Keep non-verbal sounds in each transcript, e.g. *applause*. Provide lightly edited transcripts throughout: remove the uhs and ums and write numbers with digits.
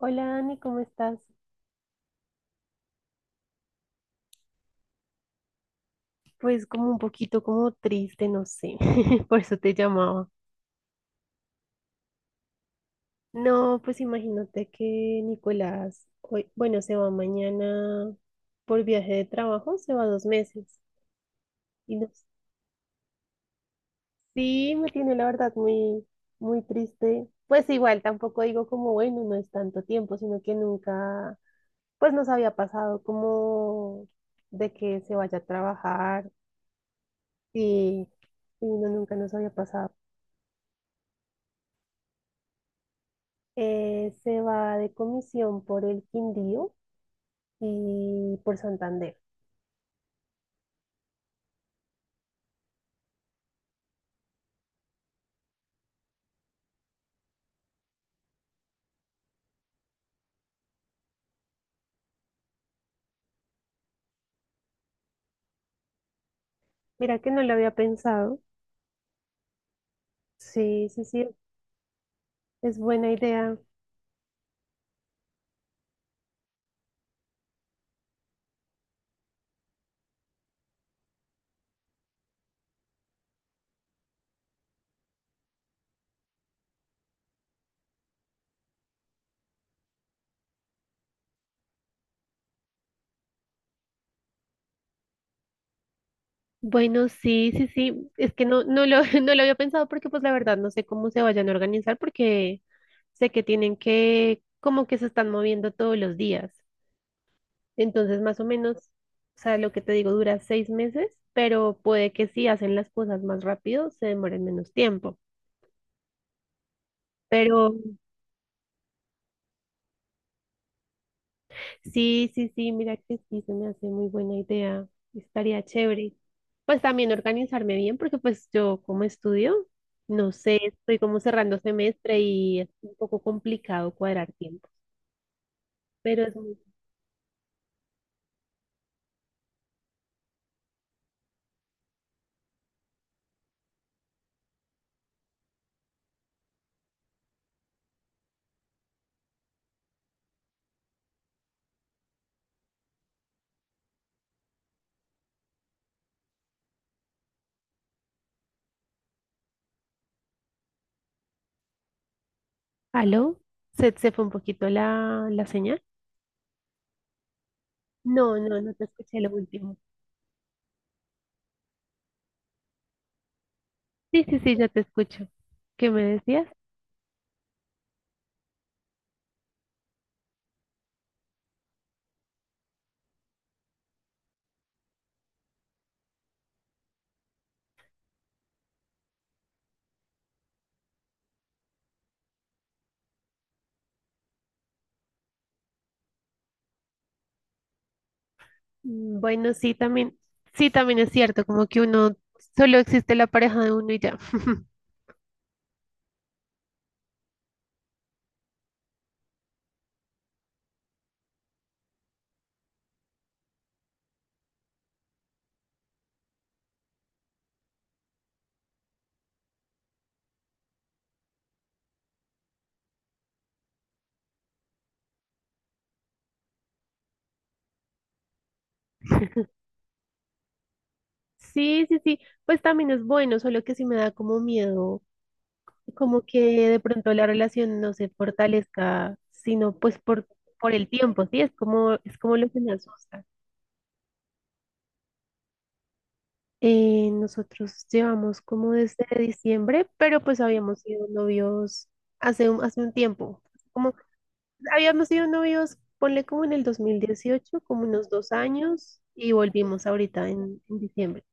Hola Dani, ¿cómo estás? Pues como un poquito como triste, no sé, *laughs* por eso te llamaba. No, pues imagínate que Nicolás hoy, bueno, se va mañana por viaje de trabajo, se va 2 meses. Y no, sí, me tiene la verdad muy, muy triste. Pues igual tampoco digo como, bueno, no es tanto tiempo, sino que nunca, pues nos había pasado como de que se vaya a trabajar y, y no, nunca nos había pasado. Se va de comisión por el Quindío y por Santander. Mira que no lo había pensado. Sí, sí, sí, es buena idea. Bueno, sí, sí, sí, es que *laughs* no lo había pensado porque pues la verdad no sé cómo se vayan a organizar porque sé que como que se están moviendo todos los días. Entonces, más o menos, o sea, lo que te digo dura 6 meses, pero puede que si hacen las cosas más rápido se demoren menos tiempo. Pero Sí, sí, sí, mira que sí, se me hace muy buena idea. Estaría chévere. Pues también organizarme bien, porque pues yo como estudio, no sé, estoy como cerrando semestre y es un poco complicado cuadrar tiempo. Pero es muy... ¿Aló? ¿Se fue un poquito la señal? No, no, no te escuché lo último. Sí, sí, sí, ya te escucho. ¿Qué me decías? Bueno, sí, también es cierto, como que uno, solo existe la pareja de uno y ya. *laughs* Sí, sí, sí, pues también es bueno, solo que sí me da como miedo, como que de pronto la relación no se fortalezca, sino pues por, el tiempo, sí, es como lo que me asusta. Nosotros llevamos como desde diciembre, pero pues habíamos sido novios hace un tiempo. Como habíamos sido novios, ponle como en el 2018, como unos 2 años, y volvimos ahorita en diciembre.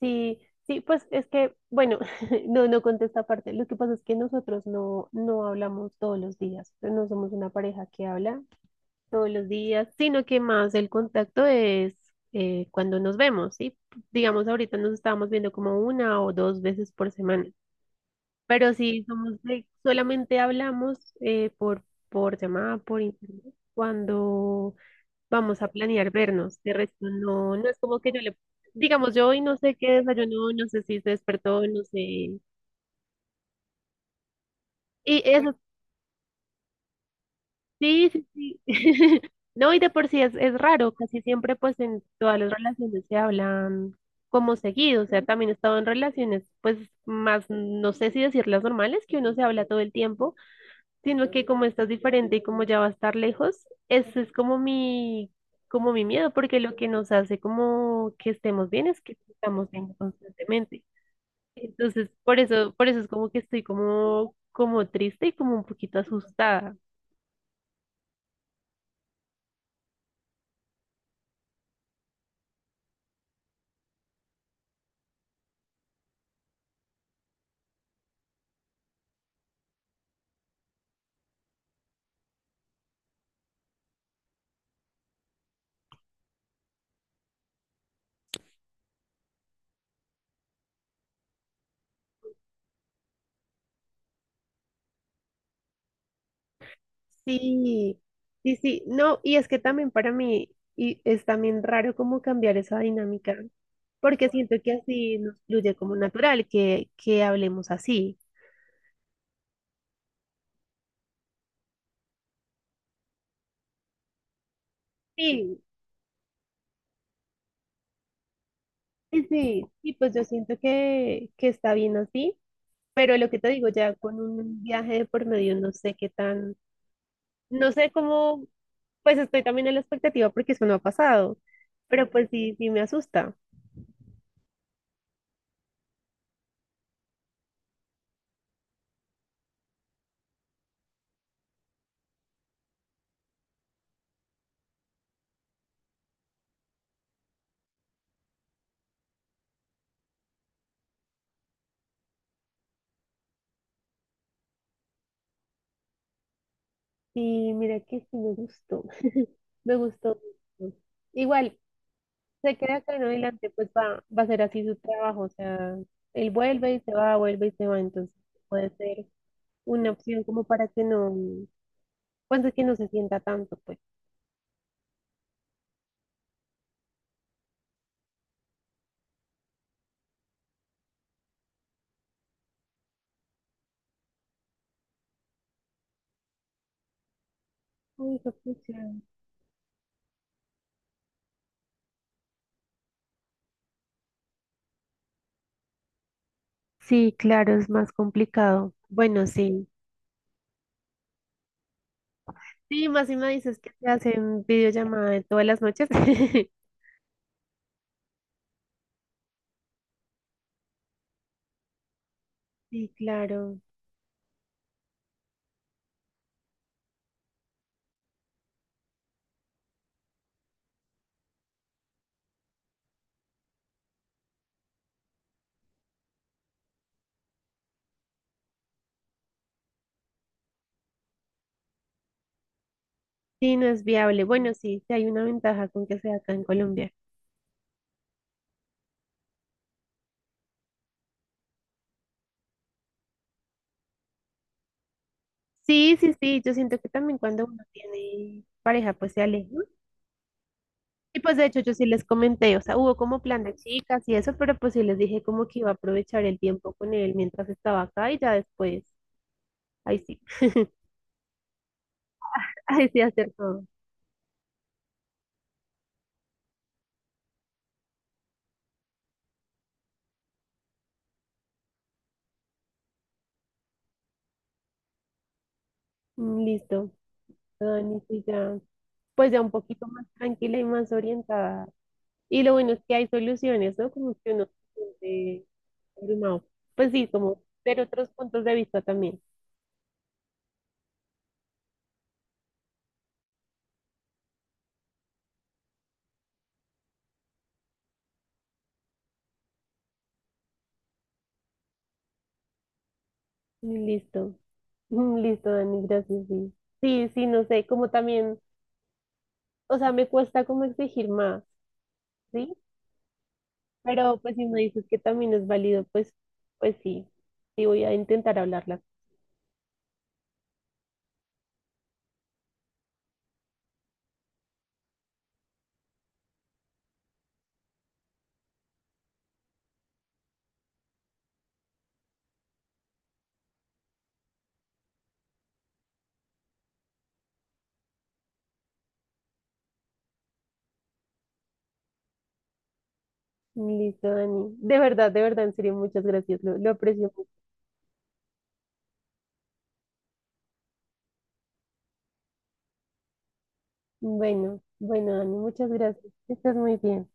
Sí, sí, pues es que, bueno, *laughs* no conté esta parte. Lo que pasa es que nosotros no hablamos todos los días. No somos una pareja que habla todos los días, sino que más el contacto es cuando nos vemos, ¿sí? Digamos, ahorita nos estábamos viendo como una o dos veces por semana, pero si somos solamente hablamos por llamada, por internet, cuando vamos a planear vernos, de resto no es como que yo le, digamos, yo hoy no sé qué desayunó, no sé si se despertó, no sé. Y eso. Sí, sí, sí. *laughs* No, y de por sí es raro, casi siempre pues en todas las relaciones se hablan como seguido, o sea, también he estado en relaciones pues más, no sé si decirlas normales, que uno se habla todo el tiempo, sino que como estás diferente y como ya va a estar lejos, ese es como mi miedo, porque lo que nos hace como que estemos bien es que estamos bien constantemente. Entonces, por eso es como que estoy como triste y como un poquito asustada. Sí, sí, sí, no, y es que también para mí y es también raro como cambiar esa dinámica, porque siento que así nos fluye como natural, que hablemos así. Sí, sí, sí, sí, pues yo siento que está bien así, pero lo que te digo, ya con un viaje de por medio, no sé qué tan, no sé cómo. Pues estoy también en la expectativa porque eso no ha pasado, pero pues sí, sí me asusta. Y mira que sí *laughs* me gustó mucho. Igual, se queda acá en adelante, pues va a ser así su trabajo, o sea, él vuelve y se va, vuelve y se va, entonces puede ser una opción como para que no, pues de que no se sienta tanto, pues. Uy, juepucha. Sí, claro, es más complicado. Bueno, sí. Sí, más si me dices que te hacen videollamada de todas las noches. *laughs* Sí, claro. Sí, no es viable. Bueno, sí, sí hay una ventaja con que sea acá en Colombia. Sí, sí, sí, yo siento que también cuando uno tiene pareja, pues se aleja, ¿no? Y pues de hecho yo sí les comenté, o sea, hubo como plan de chicas y eso, pero pues sí les dije como que iba a aprovechar el tiempo con él mientras estaba acá y ya después, ahí sí, *laughs* ahí sí hacer todo. Listo, Dani, sí, ya. Pues ya un poquito más tranquila y más orientada. Y lo bueno es que hay soluciones, ¿no? Como que uno se siente abrumado. Pues sí, como ver otros puntos de vista también. Y Listo, *laughs* listo, Dani, gracias, sí. Sí, sí, no sé, como también, o sea, me cuesta como exigir más, ¿sí? Pero pues si me dices que también es válido, pues sí, sí voy a intentar hablarla. Listo, Dani. De verdad, en serio, muchas gracias, lo aprecio mucho. Bueno, bueno, Dani, muchas gracias. Estás muy bien.